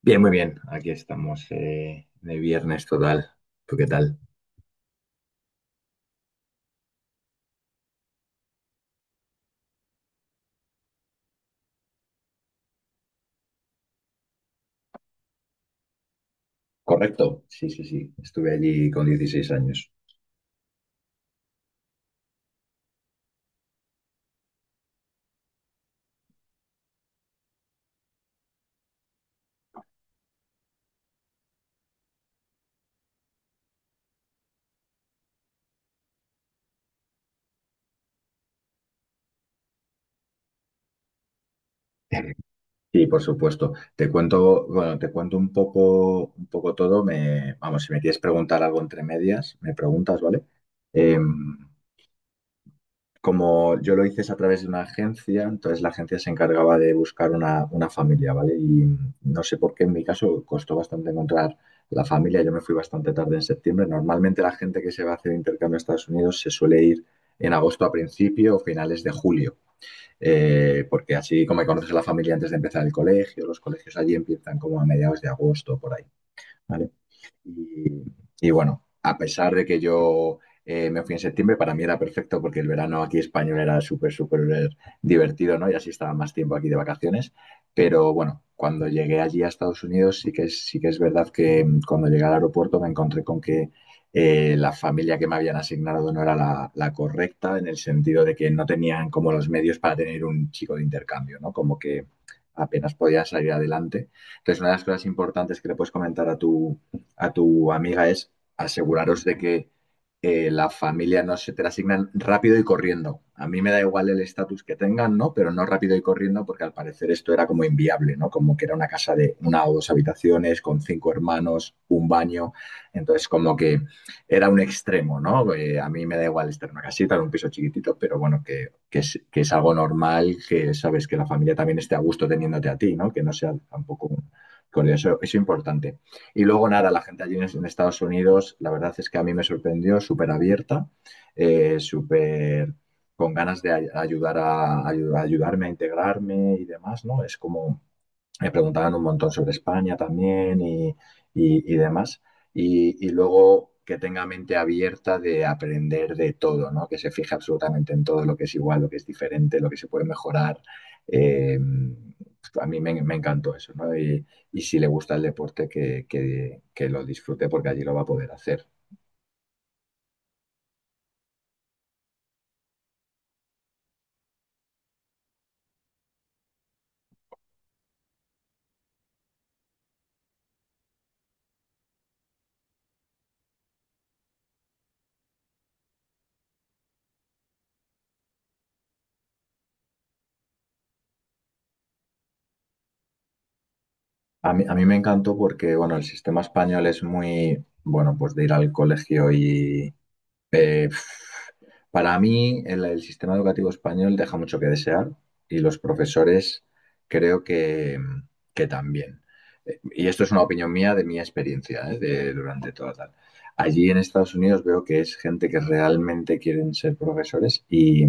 Bien, muy bien. Aquí estamos de viernes total. ¿Tú qué tal? Correcto, sí, sí, sí. Estuve allí con 16 años. Sí, por supuesto. Te cuento, bueno, te cuento un poco todo. Me, vamos, si me quieres preguntar algo entre medias, me preguntas, ¿vale? Em, Como yo lo hice es a través de una agencia, entonces la agencia se encargaba de buscar una familia, ¿vale? Y no sé por qué en mi caso costó bastante encontrar la familia, yo me fui bastante tarde en septiembre. Normalmente la gente que se va a hacer intercambio a Estados Unidos se suele ir en agosto a principio o finales de julio, porque así como conoces a la familia antes de empezar el colegio, los colegios allí empiezan como a mediados de agosto por ahí, ¿vale? Y, y bueno, a pesar de que yo me fui en septiembre, para mí era perfecto porque el verano aquí español era súper, súper divertido, ¿no? Y así estaba más tiempo aquí de vacaciones. Pero bueno, cuando llegué allí a Estados Unidos, sí que es verdad que cuando llegué al aeropuerto me encontré con que la familia que me habían asignado no era la correcta, en el sentido de que no tenían como los medios para tener un chico de intercambio, ¿no? Como que apenas podían salir adelante. Entonces, una de las cosas importantes que le puedes comentar a tu amiga es aseguraros de que la familia no se te la asignan rápido y corriendo. A mí me da igual el estatus que tengan, ¿no? Pero no rápido y corriendo porque al parecer esto era como inviable, ¿no? Como que era una casa de una o dos habitaciones con cinco hermanos, un baño. Entonces como que era un extremo, ¿no? A mí me da igual estar en una casita, en un piso chiquitito, pero bueno, que es algo normal, que sabes que la familia también esté a gusto teniéndote a ti, ¿no? Que no sea tampoco un... Eso es importante. Y luego nada, la gente allí en Estados Unidos, la verdad es que a mí me sorprendió, súper abierta, súper con ganas de ayudar a, ayudarme a integrarme y demás, ¿no? Es como me preguntaban un montón sobre España también y demás. Y luego que tenga mente abierta de aprender de todo, ¿no? Que se fije absolutamente en todo lo que es igual, lo que es diferente, lo que se puede mejorar. Eh, a me encantó eso, ¿no? Y si le gusta el deporte, que lo disfrute porque allí lo va a poder hacer. A mí me encantó porque, bueno, el sistema español es muy, bueno, pues de ir al colegio y... eh, Para mí, el sistema educativo español deja mucho que desear y los profesores creo que también. Y esto es una opinión mía de mi experiencia, ¿eh? De, durante toda tal. Allí en Estados Unidos veo que es gente que realmente quieren ser profesores y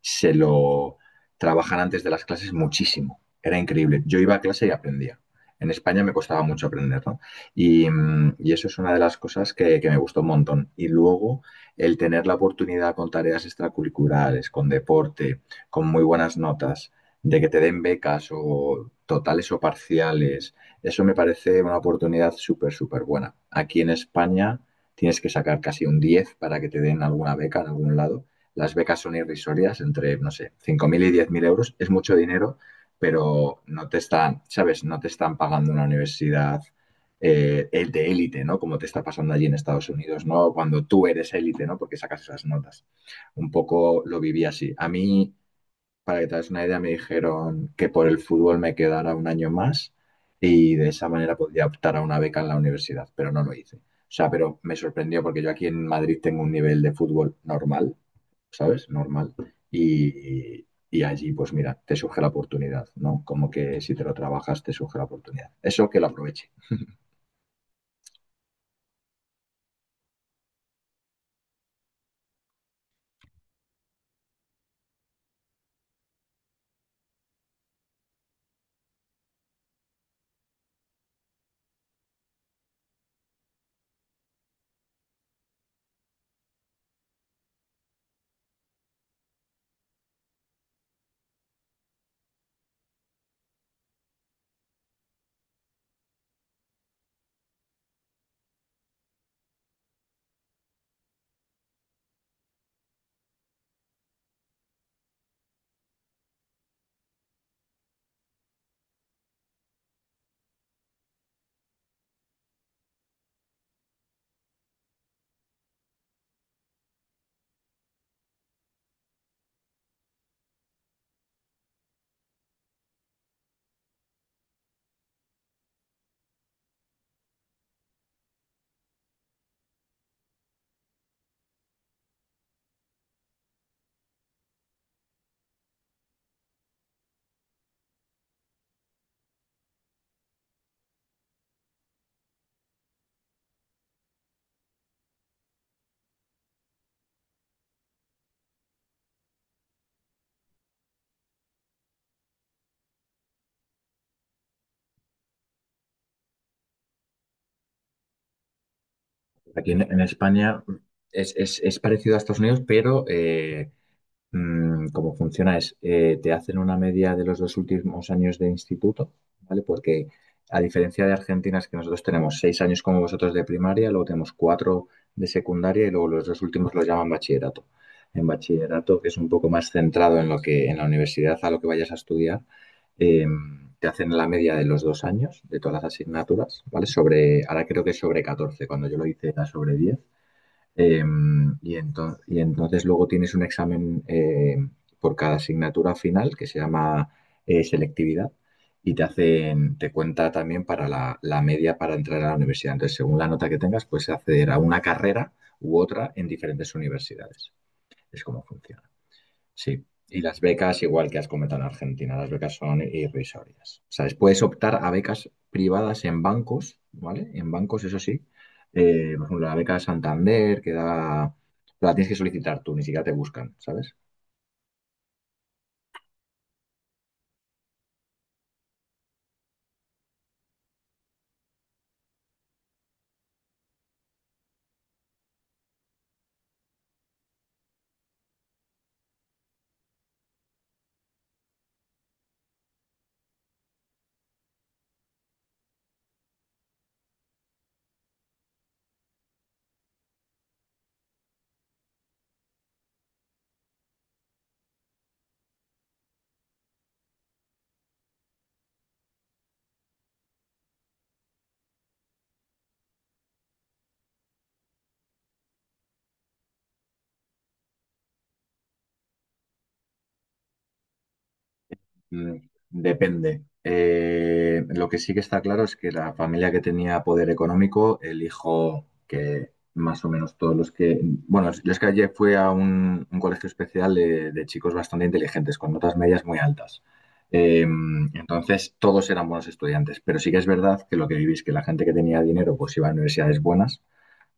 se lo trabajan antes de las clases muchísimo. Era increíble. Yo iba a clase y aprendía. En España me costaba mucho aprender, ¿no? Y, y eso es una de las cosas que me gustó un montón. Y luego el tener la oportunidad con tareas extracurriculares, con deporte, con muy buenas notas, de que te den becas o totales o parciales, eso me parece una oportunidad súper, súper buena. Aquí en España tienes que sacar casi un 10 para que te den alguna beca en algún lado. Las becas son irrisorias, entre, no sé, 5.000 y 10.000 euros. Es mucho dinero, pero no te están, ¿sabes? No te están pagando una universidad el de élite, ¿no? Como te está pasando allí en Estados Unidos, ¿no? Cuando tú eres élite, ¿no? Porque sacas esas notas. Un poco lo viví así. A mí, para que te hagas una idea, me dijeron que por el fútbol me quedara un año más y de esa manera podría optar a una beca en la universidad, pero no lo hice. O sea, pero me sorprendió porque yo aquí en Madrid tengo un nivel de fútbol normal, ¿sabes? Normal. Y allí, pues mira, te surge la oportunidad, ¿no? Como que si te lo trabajas, te surge la oportunidad. Eso que lo aproveches. Aquí en España es, es parecido a Estados Unidos, pero como funciona es, te hacen una media de los dos últimos años de instituto, ¿vale? Porque a diferencia de Argentina es que nosotros tenemos seis años como vosotros de primaria, luego tenemos cuatro de secundaria y luego los dos últimos los llaman bachillerato. En bachillerato, que es un poco más centrado en lo que en la universidad, a lo que vayas a estudiar, eh, te hacen la media de los dos años de todas las asignaturas, ¿vale? Sobre, ahora creo que es sobre 14, cuando yo lo hice era sobre 10. Eh, y, y entonces luego tienes un examen por cada asignatura final que se llama selectividad y te hacen, te cuenta también para la, la media para entrar a la universidad. Entonces, según la nota que tengas, puedes acceder a una carrera u otra en diferentes universidades. Es como funciona. Sí, y las becas, igual que has comentado en Argentina, las becas son irrisorias. O sea, puedes optar a becas privadas en bancos, ¿vale? En bancos, eso sí. Por ejemplo, la beca Santander, que da... La tienes que solicitar tú, ni siquiera te buscan, ¿sabes? Mm, depende. Lo que sí que está claro es que la familia que tenía poder económico, el hijo que más o menos todos los que... Bueno, yo es que ayer fui a un colegio especial de chicos bastante inteligentes, con notas medias muy altas. Eh, entonces, todos eran buenos estudiantes, pero sí que es verdad que lo que vivís, que la gente que tenía dinero, pues iba a universidades buenas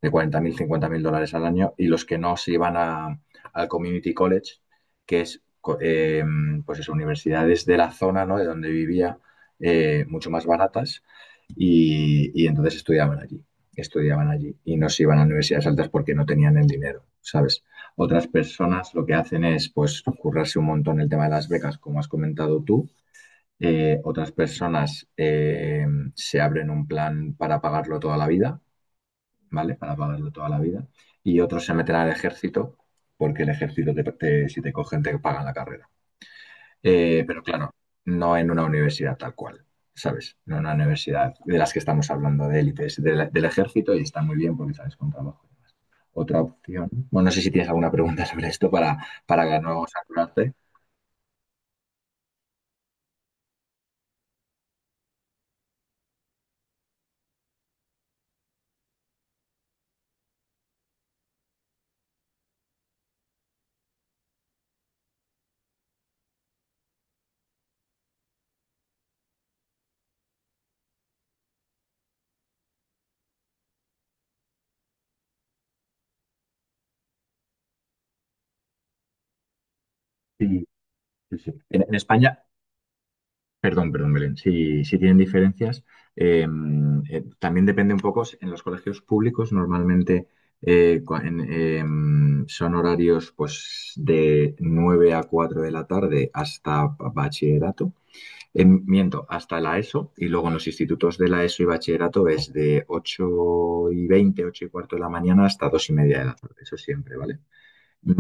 de 40.000 o 50.000 dólares al año, y los que no se iban a, al Community College, que es, eh, pues eso, universidades de la zona, ¿no? De donde vivía, mucho más baratas, y entonces estudiaban allí, y no se iban a universidades altas porque no tenían el dinero, ¿sabes? Otras personas lo que hacen es, pues, currarse un montón el tema de las becas, como has comentado tú, otras personas se abren un plan para pagarlo toda la vida, ¿vale? Para pagarlo toda la vida. Y otros se meten al ejército, porque el ejército, si te cogen, te pagan la carrera. Pero claro, no en una universidad tal cual, ¿sabes? No en una universidad de las que estamos hablando, de élites del ejército, y está muy bien porque sales con trabajo. Otra opción. Bueno, no sé si tienes alguna pregunta sobre esto para no saturarte. Sí, sí, sí. En España, perdón, perdón, Belén. Sí, sí tienen diferencias. Eh, también depende un poco, en los colegios públicos normalmente son horarios pues, de 9 a 4 de la tarde hasta bachillerato. Em, miento, hasta la ESO. Y luego en los institutos de la ESO y bachillerato es de 8:20, 8:15 de la mañana hasta 2:30 de la tarde. Eso siempre, ¿vale?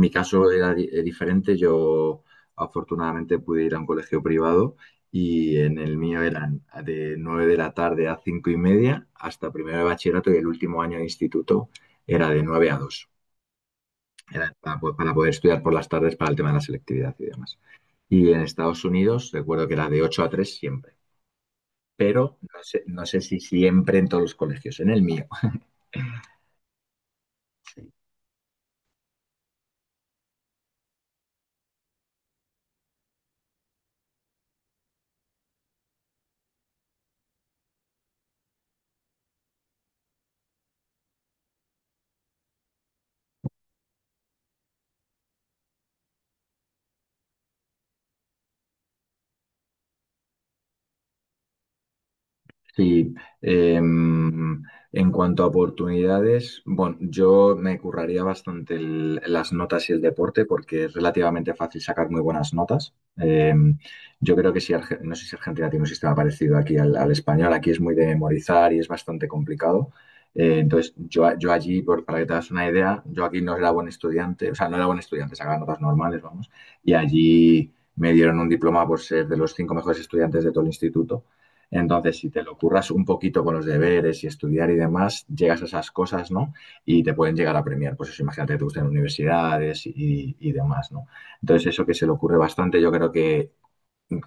Mi caso era diferente. Yo afortunadamente pude ir a un colegio privado y en el mío eran de 9 de la tarde a 5:30 hasta primero de bachillerato y el último año de instituto era de 9 a 2. Era para, para poder estudiar por las tardes para el tema de la selectividad y demás. Y en Estados Unidos recuerdo que era de 8 a 3 siempre, pero no sé, no sé si siempre en todos los colegios, en el mío. Sí, em, en cuanto a oportunidades, bueno, yo me curraría bastante las notas y el deporte porque es relativamente fácil sacar muy buenas notas. Yo creo que si, no sé si Argentina tiene un sistema parecido aquí al, al español, aquí es muy de memorizar y es bastante complicado. Entonces, yo, yo allí, para que te hagas una idea, yo aquí no era buen estudiante, o sea, no era buen estudiante, sacaba notas normales, vamos, y allí me dieron un diploma por ser de los 5 mejores estudiantes de todo el instituto. Entonces, si te lo curras un poquito con los deberes y estudiar y demás, llegas a esas cosas, ¿no? Y te pueden llegar a premiar. Pues eso, imagínate que te gustan universidades y demás, ¿no? Entonces, eso que se le ocurre bastante, yo creo que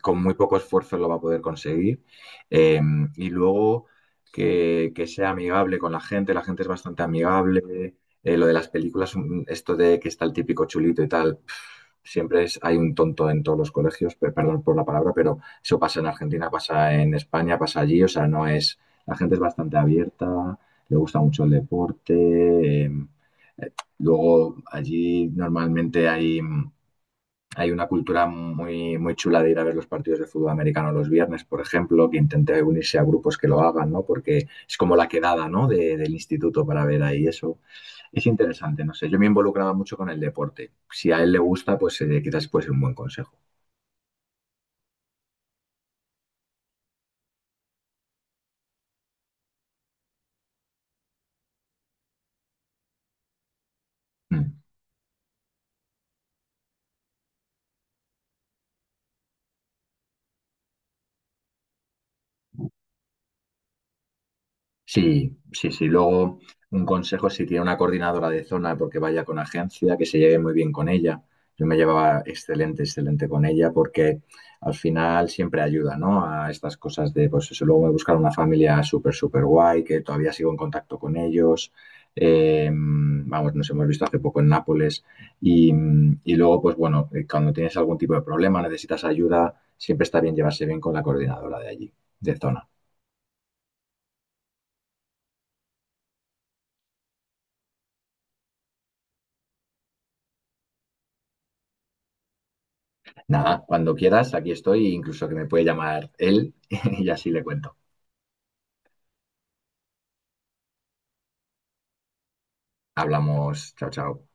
con muy poco esfuerzo lo va a poder conseguir. Eh, y luego que sea amigable con la gente es bastante amigable. Lo de las películas, esto de que está el típico chulito y tal, pf, siempre es, hay un tonto en todos los colegios, perdón por la palabra, pero eso pasa en Argentina, pasa en España, pasa allí, o sea, no es, la gente es bastante abierta, le gusta mucho el deporte, luego allí normalmente hay... hay una cultura muy, muy chula de ir a ver los partidos de fútbol americano los viernes, por ejemplo, que intente unirse a grupos que lo hagan, ¿no? Porque es como la quedada, ¿no? Del instituto para ver ahí eso. Es interesante, no sé. Yo me involucraba mucho con el deporte. Si a él le gusta, pues quizás puede ser un buen consejo. Mm. Sí, sí, sí. Luego, un consejo si tiene una coordinadora de zona, porque vaya con agencia, que se lleve muy bien con ella. Yo me llevaba excelente, excelente con ella, porque al final siempre ayuda, ¿no? A estas cosas de, pues eso, luego me buscaron una familia súper, súper guay, que todavía sigo en contacto con ellos. Vamos, nos hemos visto hace poco en Nápoles. Y, y luego, pues bueno, cuando tienes algún tipo de problema, necesitas ayuda, siempre está bien llevarse bien con la coordinadora de allí, de zona. Nada, cuando quieras, aquí estoy, incluso que me puede llamar él y así le cuento. Hablamos, chao, chao.